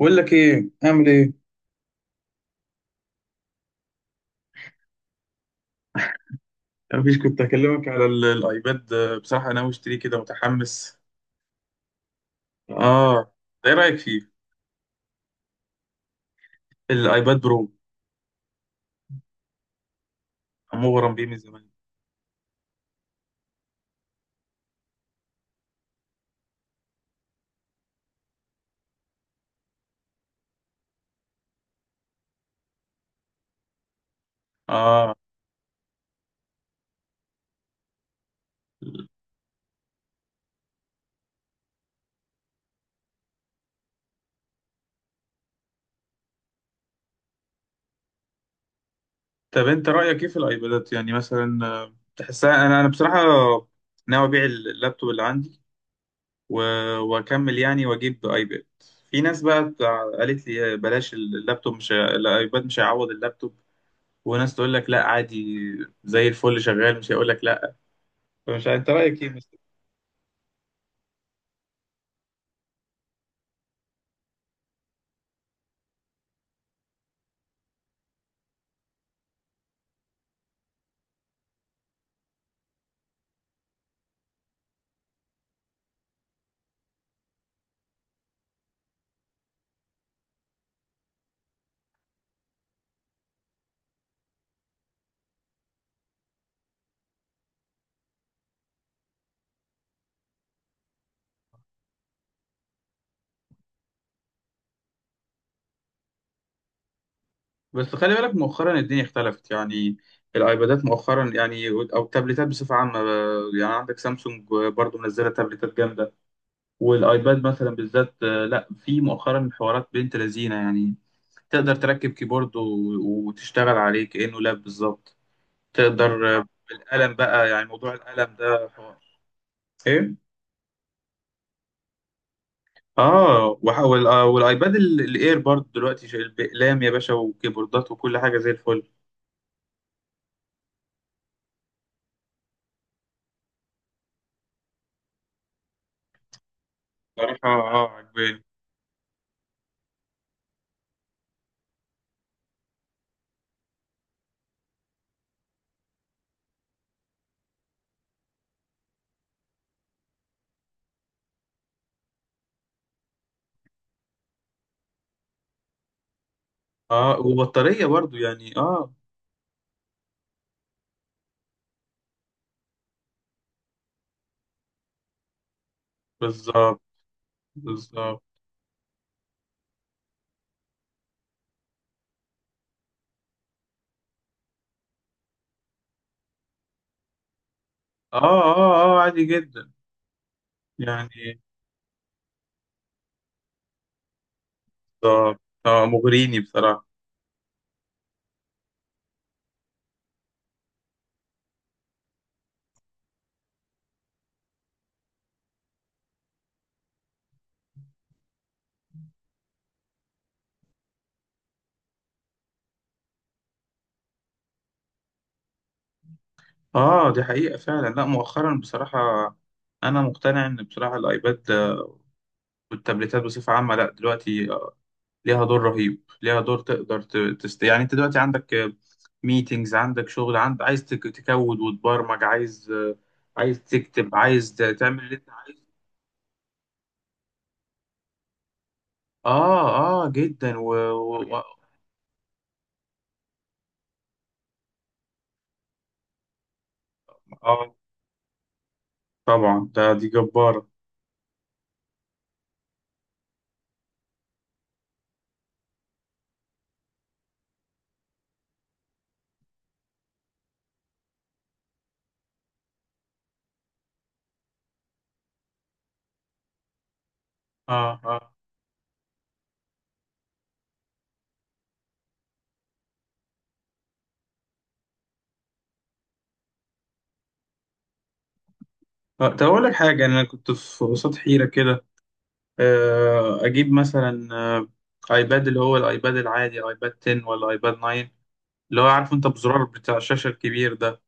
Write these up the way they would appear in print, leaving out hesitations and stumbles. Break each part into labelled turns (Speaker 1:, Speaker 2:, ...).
Speaker 1: بقول لك ايه، اعمل ايه. مفيش، كنت هكلمك على الايباد. بصراحه ناوي اشتريه، كده متحمس. اه. ايه رايك فيه؟ الايباد برو. مغرم بيه من زمان. اه. طب انت رايك ايه في الايبادات، يعني مثلا، تحسها؟ انا بصراحه ناوي ابيع اللابتوب اللي عندي و- واكمل يعني واجيب ايباد. في ناس بقى قالت لي بلاش اللابتوب، مش هي- الايباد مش هيعوض اللابتوب. وناس تقول لك لا عادي، زي الفل شغال، مش هيقول لك لا. انت رايك ايه؟ بس خلي بالك، مؤخرا الدنيا اختلفت يعني. الايبادات مؤخرا يعني، او التابلتات بصفه عامه، يعني عندك سامسونج برضو منزله تابلتات جامده. والايباد مثلا بالذات، لا، في مؤخرا حوارات بنت لذينه يعني. تقدر تركب كيبورد وتشتغل عليه كانه لاب بالظبط. تقدر. القلم بقى، يعني موضوع القلم ده حوار. ايه. اه، والايباد الاير برضو دلوقتي شايل بأقلام يا باشا، وكيبوردات وكل حاجه زي الفل. صراحه اه، عجباني. اه، وبطارية برضو يعني. اه. بالظبط، بالظبط. اه، اه، اه، عادي جدا. يعني. بالظبط. اه، مغريني بصراحة. اه، دي حقيقة فعلا. لا، مؤخرا بصراحة انا مقتنع ان بصراحة الايباد والتابلتات بصفة عامة، لا دلوقتي ليها دور رهيب، ليها دور تقدر تست يعني، انت دلوقتي عندك ميتينجز، عندك شغل، عند عايز تكود وتبرمج، عايز تكتب، عايز تعمل اللي انت عايزه. اه، اه جدا. اه، طبعا، دي جبارة. اه، اه. طب أقول لك حاجة، أنا كنت في قصاد حيرة كده. أجيب مثلا أيباد اللي هو الأيباد العادي، أيباد 10 ولا أيباد 9، اللي هو عارف أنت بزرار بتاع الشاشة الكبير ده.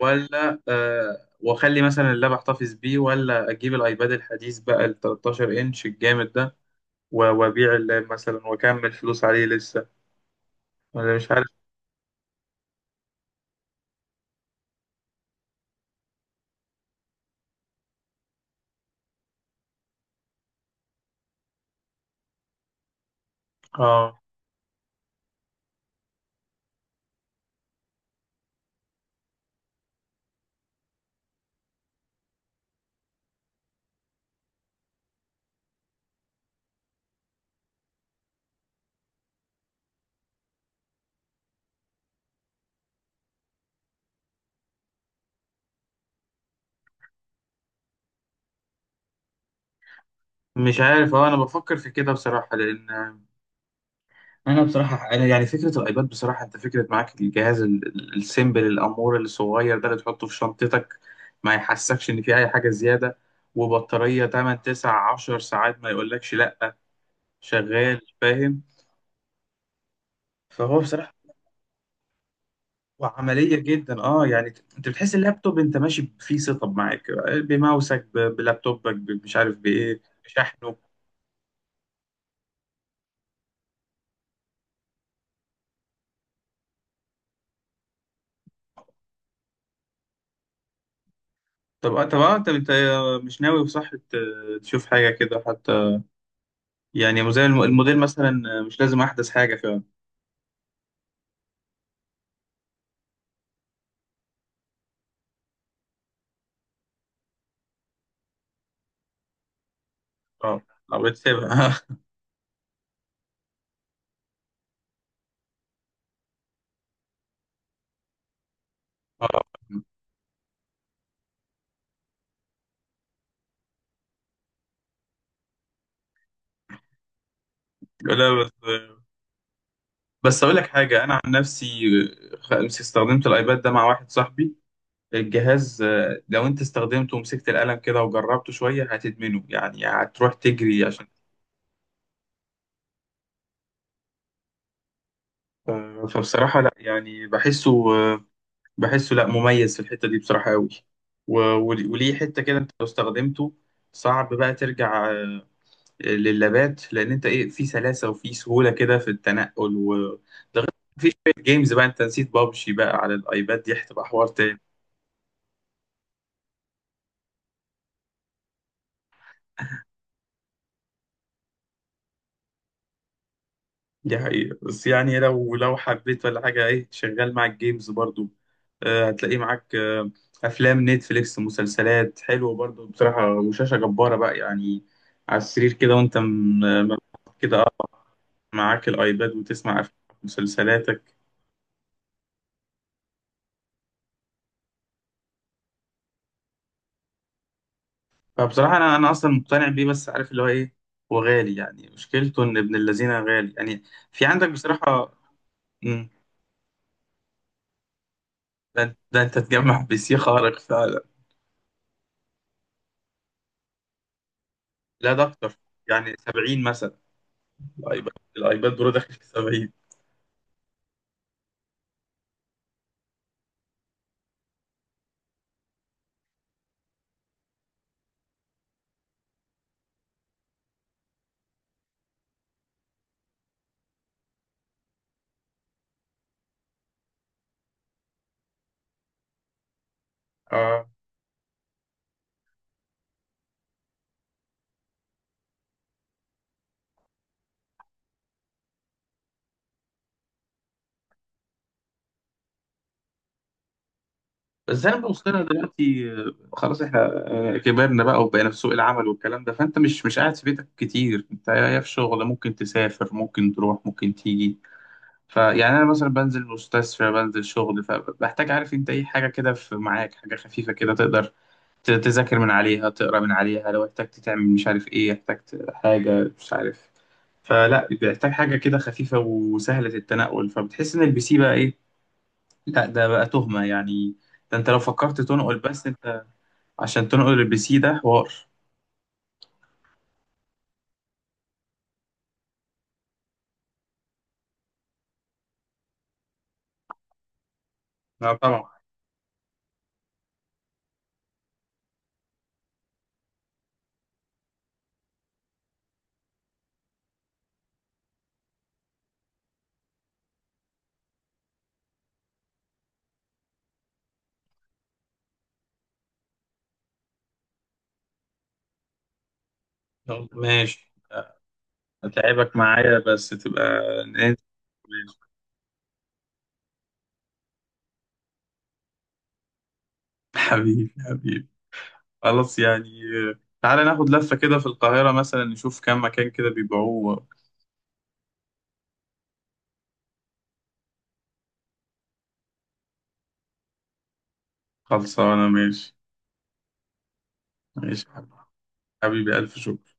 Speaker 1: ولا، وأخلي مثلا اللاب أحتفظ بيه، ولا أجيب الأيباد الحديث بقى ال 13 إنش الجامد ده وأبيع اللاب مثلا وأكمل فلوس عليه لسه، ولا مش عارف. اه. مش عارف، اه انا بفكر في كده بصراحة، لان انا بصراحه انا يعني فكره الايباد بصراحه، انت فكره معاك الجهاز السيمبل، الامور الصغير ده اللي تحطه في شنطتك، ما يحسكش ان في اي حاجه زياده. وبطاريه 8 9 10 ساعات ما يقولكش لا. شغال، فاهم. فهو بصراحه، وعمليه جدا. اه يعني، انت بتحس اللابتوب انت ماشي فيه سيت اب معاك، بماوسك، بلابتوبك، مش عارف بايه، بشحنه. طب اه، انت مش ناوي بصح تشوف حاجه كده حتى، يعني زي الموديل مثلا، مش لازم احدث حاجه. اه، أو بتسيبها. اه. لا بس، بس اقول لك حاجه، انا عن نفسي استخدمت الايباد ده مع واحد صاحبي. الجهاز، لو انت استخدمته ومسكت القلم كده وجربته شويه هتدمنه، يعني هتروح تجري عشان. ف- فبصراحه لا يعني، بحسه لا، مميز في الحته دي بصراحه قوي. و- وليه حته كده، انت لو استخدمته صعب بقى ترجع للابات، لان انت ايه، في سلاسه وفي سهوله كده في التنقل. و ده غير في شويه جيمز بقى، انت نسيت بابجي بقى على الايباد، دي هتبقى حوار تاني. دي حقيقة، بس يعني لو حبيت ولا حاجة، ايه، شغال معاك جيمز برضو. آه هتلاقيه معاك، آه. أفلام نتفليكس، مسلسلات حلوة برضو بصراحة، وشاشة جبارة بقى يعني، على السرير كده، وانت كده اه، معاك الأيباد وتسمع أفلام مسلسلاتك. فبصراحة أنا أصلا مقتنع بيه، بس عارف اللي هو إيه، وغالي يعني، مشكلته إن ابن الذين غالي يعني، في عندك بصراحة. مم، ده أنت تجمع بي سي خارق فعلا. لا، ده أكتر، يعني 70 مثلا. الأيباد برو داخل في 70. آه بس أنا ببصلها دلوقتي. خلاص إحنا، كبرنا بقى وبقينا في سوق العمل والكلام ده، فأنت مش قاعد في بيتك كتير، أنت يا في شغل، ممكن تسافر، ممكن تروح، ممكن تيجي. فيعني انا مثلا بنزل مستشفى، بنزل شغل، فبحتاج، عارف انت، اي حاجه كده، في معاك حاجه خفيفه كده تقدر تذاكر من عليها، تقرا من عليها، لو احتجت تعمل مش عارف ايه، احتجت حاجه، مش عارف. فلا، بيحتاج حاجه كده خفيفه وسهله التنقل، فبتحس ان البي سي بقى ايه، لا ده بقى تهمه يعني. ده انت لو فكرت تنقل، بس انت عشان تنقل البي سي ده حوار. لا طبعا. يلا، ماشي. اتعبك معايا بس تبقى. ماشي. حبيبي، حبيبي. خلاص يعني. تعالى ناخد لفة كده في القاهرة مثلا، نشوف كام مكان كده بيبيعوه. خلصانة، ماشي. ماشي يا حبيبي. حبيبي، ألف شكر.